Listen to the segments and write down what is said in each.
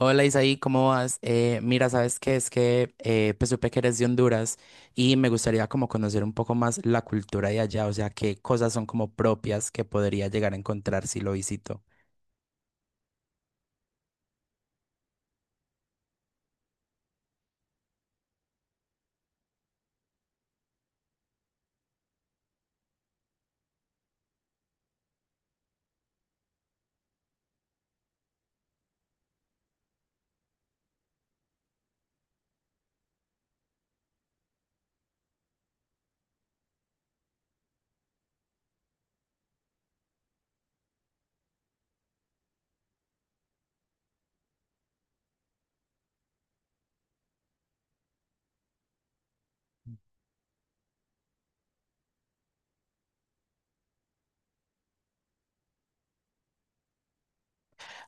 Hola Isaí, ¿cómo vas? Mira, ¿sabes qué? Es que pues supe que eres de Honduras y me gustaría como conocer un poco más la cultura de allá, o sea, qué cosas son como propias que podría llegar a encontrar si lo visito.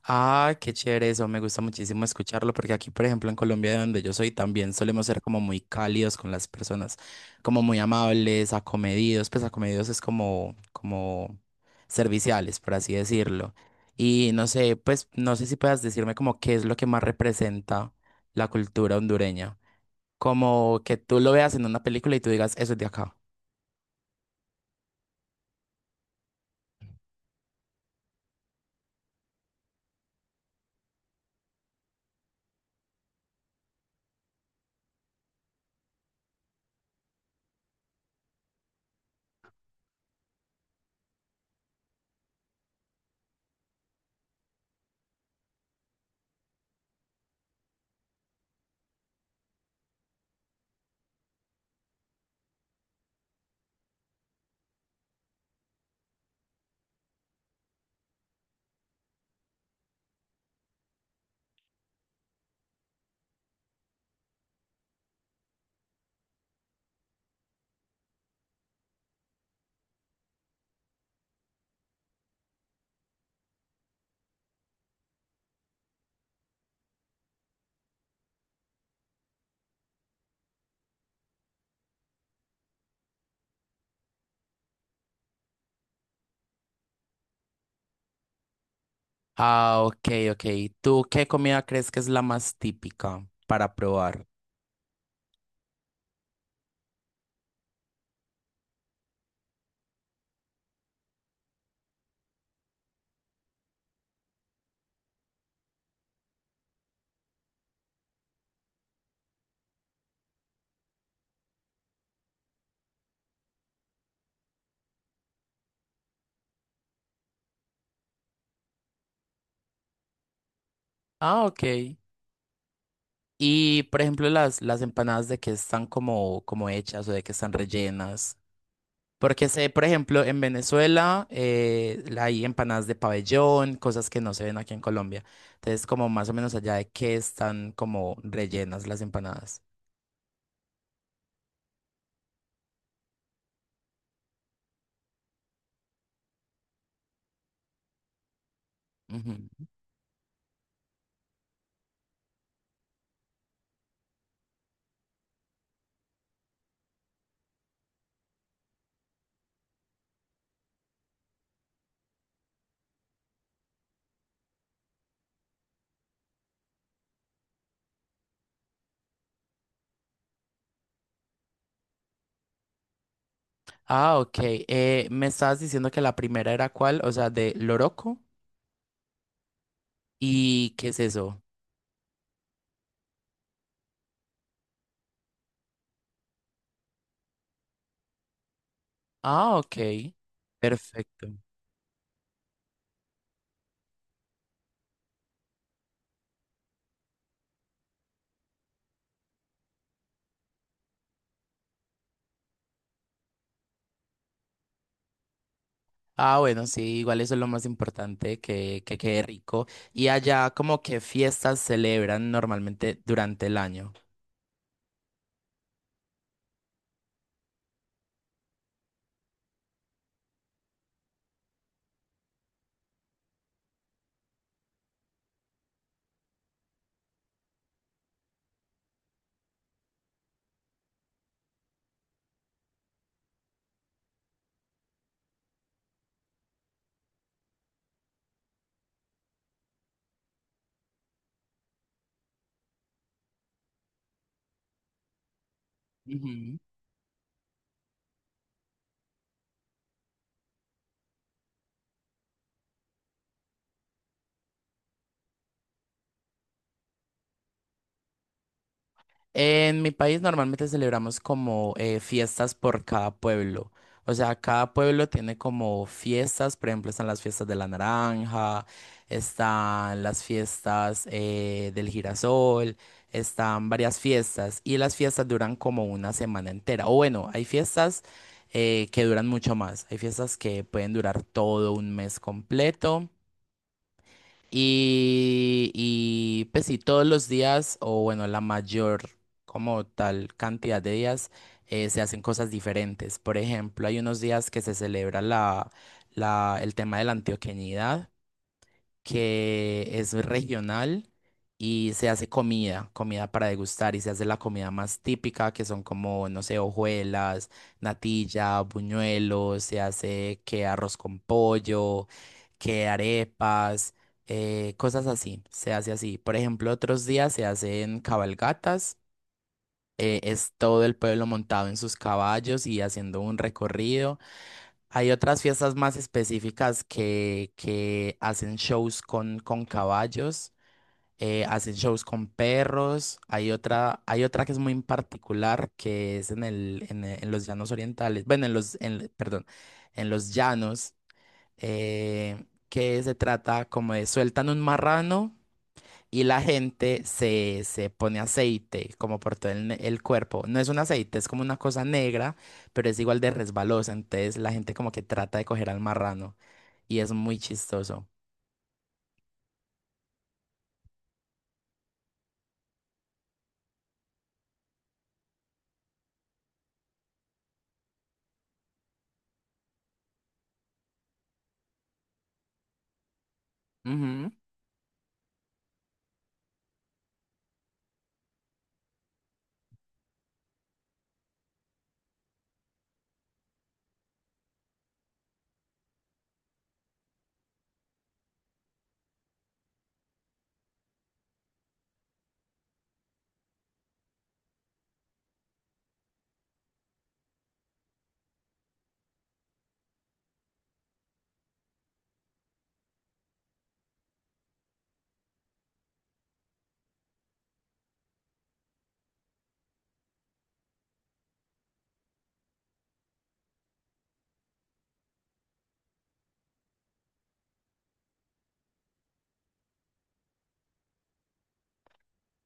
Ah, qué chévere eso, me gusta muchísimo escucharlo porque aquí, por ejemplo, en Colombia, de donde yo soy, también solemos ser como muy cálidos con las personas, como muy amables, acomedidos, pues acomedidos es como, como serviciales, por así decirlo. Y no sé, pues no sé si puedas decirme como qué es lo que más representa la cultura hondureña, como que tú lo veas en una película y tú digas, eso es de acá. Ah, ok, ok. ¿Tú qué comida crees que es la más típica para probar? Ah, ok. Y, por ejemplo, las empanadas de que están como, como hechas o de que están rellenas. Porque sé, por ejemplo, en Venezuela hay empanadas de pabellón, cosas que no se ven aquí en Colombia. Entonces, como más o menos allá de que están como rellenas las empanadas. Ujú. Ah, ok. Me estabas diciendo que la primera era cuál, o sea, de loroco. ¿Y qué es eso? Ah, ok. Perfecto. Ah, bueno, sí, igual eso es lo más importante, que quede rico. Y allá, como que fiestas celebran normalmente durante el año. En mi país normalmente celebramos como fiestas por cada pueblo. O sea, cada pueblo tiene como fiestas, por ejemplo, están las fiestas de la naranja, están las fiestas del girasol, están varias fiestas y las fiestas duran como una semana entera. O bueno, hay fiestas que duran mucho más, hay fiestas que pueden durar todo un mes completo. Y, pues sí, todos los días, o bueno, la mayor como tal cantidad de días, se hacen cosas diferentes. Por ejemplo, hay unos días que se celebra el tema de la antioqueñidad que es regional y se hace comida, comida para degustar y se hace la comida más típica que son como, no sé, hojuelas, natilla, buñuelos, se hace que arroz con pollo, que arepas, cosas así, se hace así. Por ejemplo, otros días se hacen cabalgatas. Es todo el pueblo montado en sus caballos y haciendo un recorrido. Hay otras fiestas más específicas que hacen shows con caballos, hacen shows con perros. Hay otra que es muy en particular, que es en el, en, en los llanos orientales, bueno, en los, en, perdón, en los llanos, que se trata como de sueltan un marrano y la gente se, se pone aceite como por todo el, el cuerpo. No es un aceite, es como una cosa negra, pero es igual de resbalosa. Entonces la gente como que trata de coger al marrano y es muy chistoso.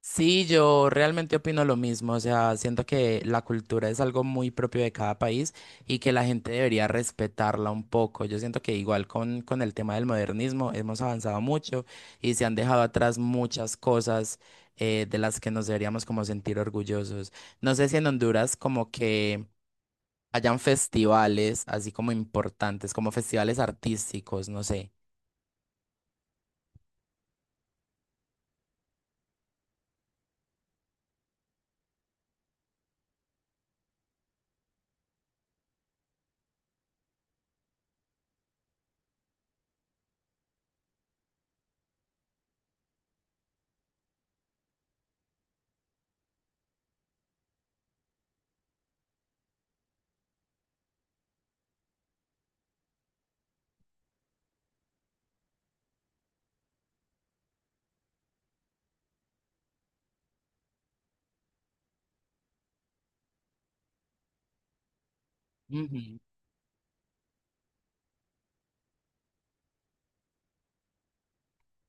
Sí, yo realmente opino lo mismo, o sea, siento que la cultura es algo muy propio de cada país y que la gente debería respetarla un poco. Yo siento que igual con el tema del modernismo hemos avanzado mucho y se han dejado atrás muchas cosas de las que nos deberíamos como sentir orgullosos. No sé si en Honduras como que hayan festivales así como importantes, como festivales artísticos, no sé.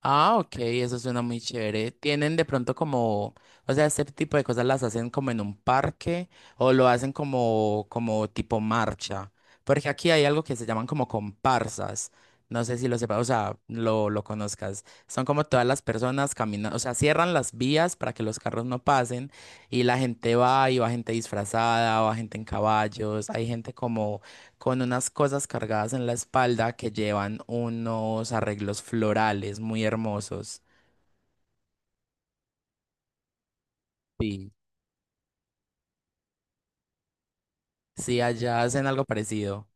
Ah, ok, eso suena muy chévere. Tienen de pronto como, o sea, este tipo de cosas las hacen como en un parque o lo hacen como, como tipo marcha. Porque aquí hay algo que se llaman como comparsas. No sé si lo sepas, o sea, lo conozcas. Son como todas las personas caminando, o sea, cierran las vías para que los carros no pasen y la gente va y va gente disfrazada, va gente en caballos, hay gente con unas cosas cargadas en la espalda que llevan unos arreglos florales muy hermosos. Sí. Sí allá hacen algo parecido.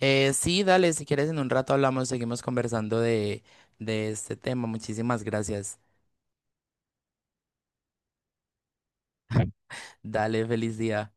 Sí, dale, si quieres en un rato hablamos, seguimos conversando de este tema. Muchísimas gracias. Dale, feliz día.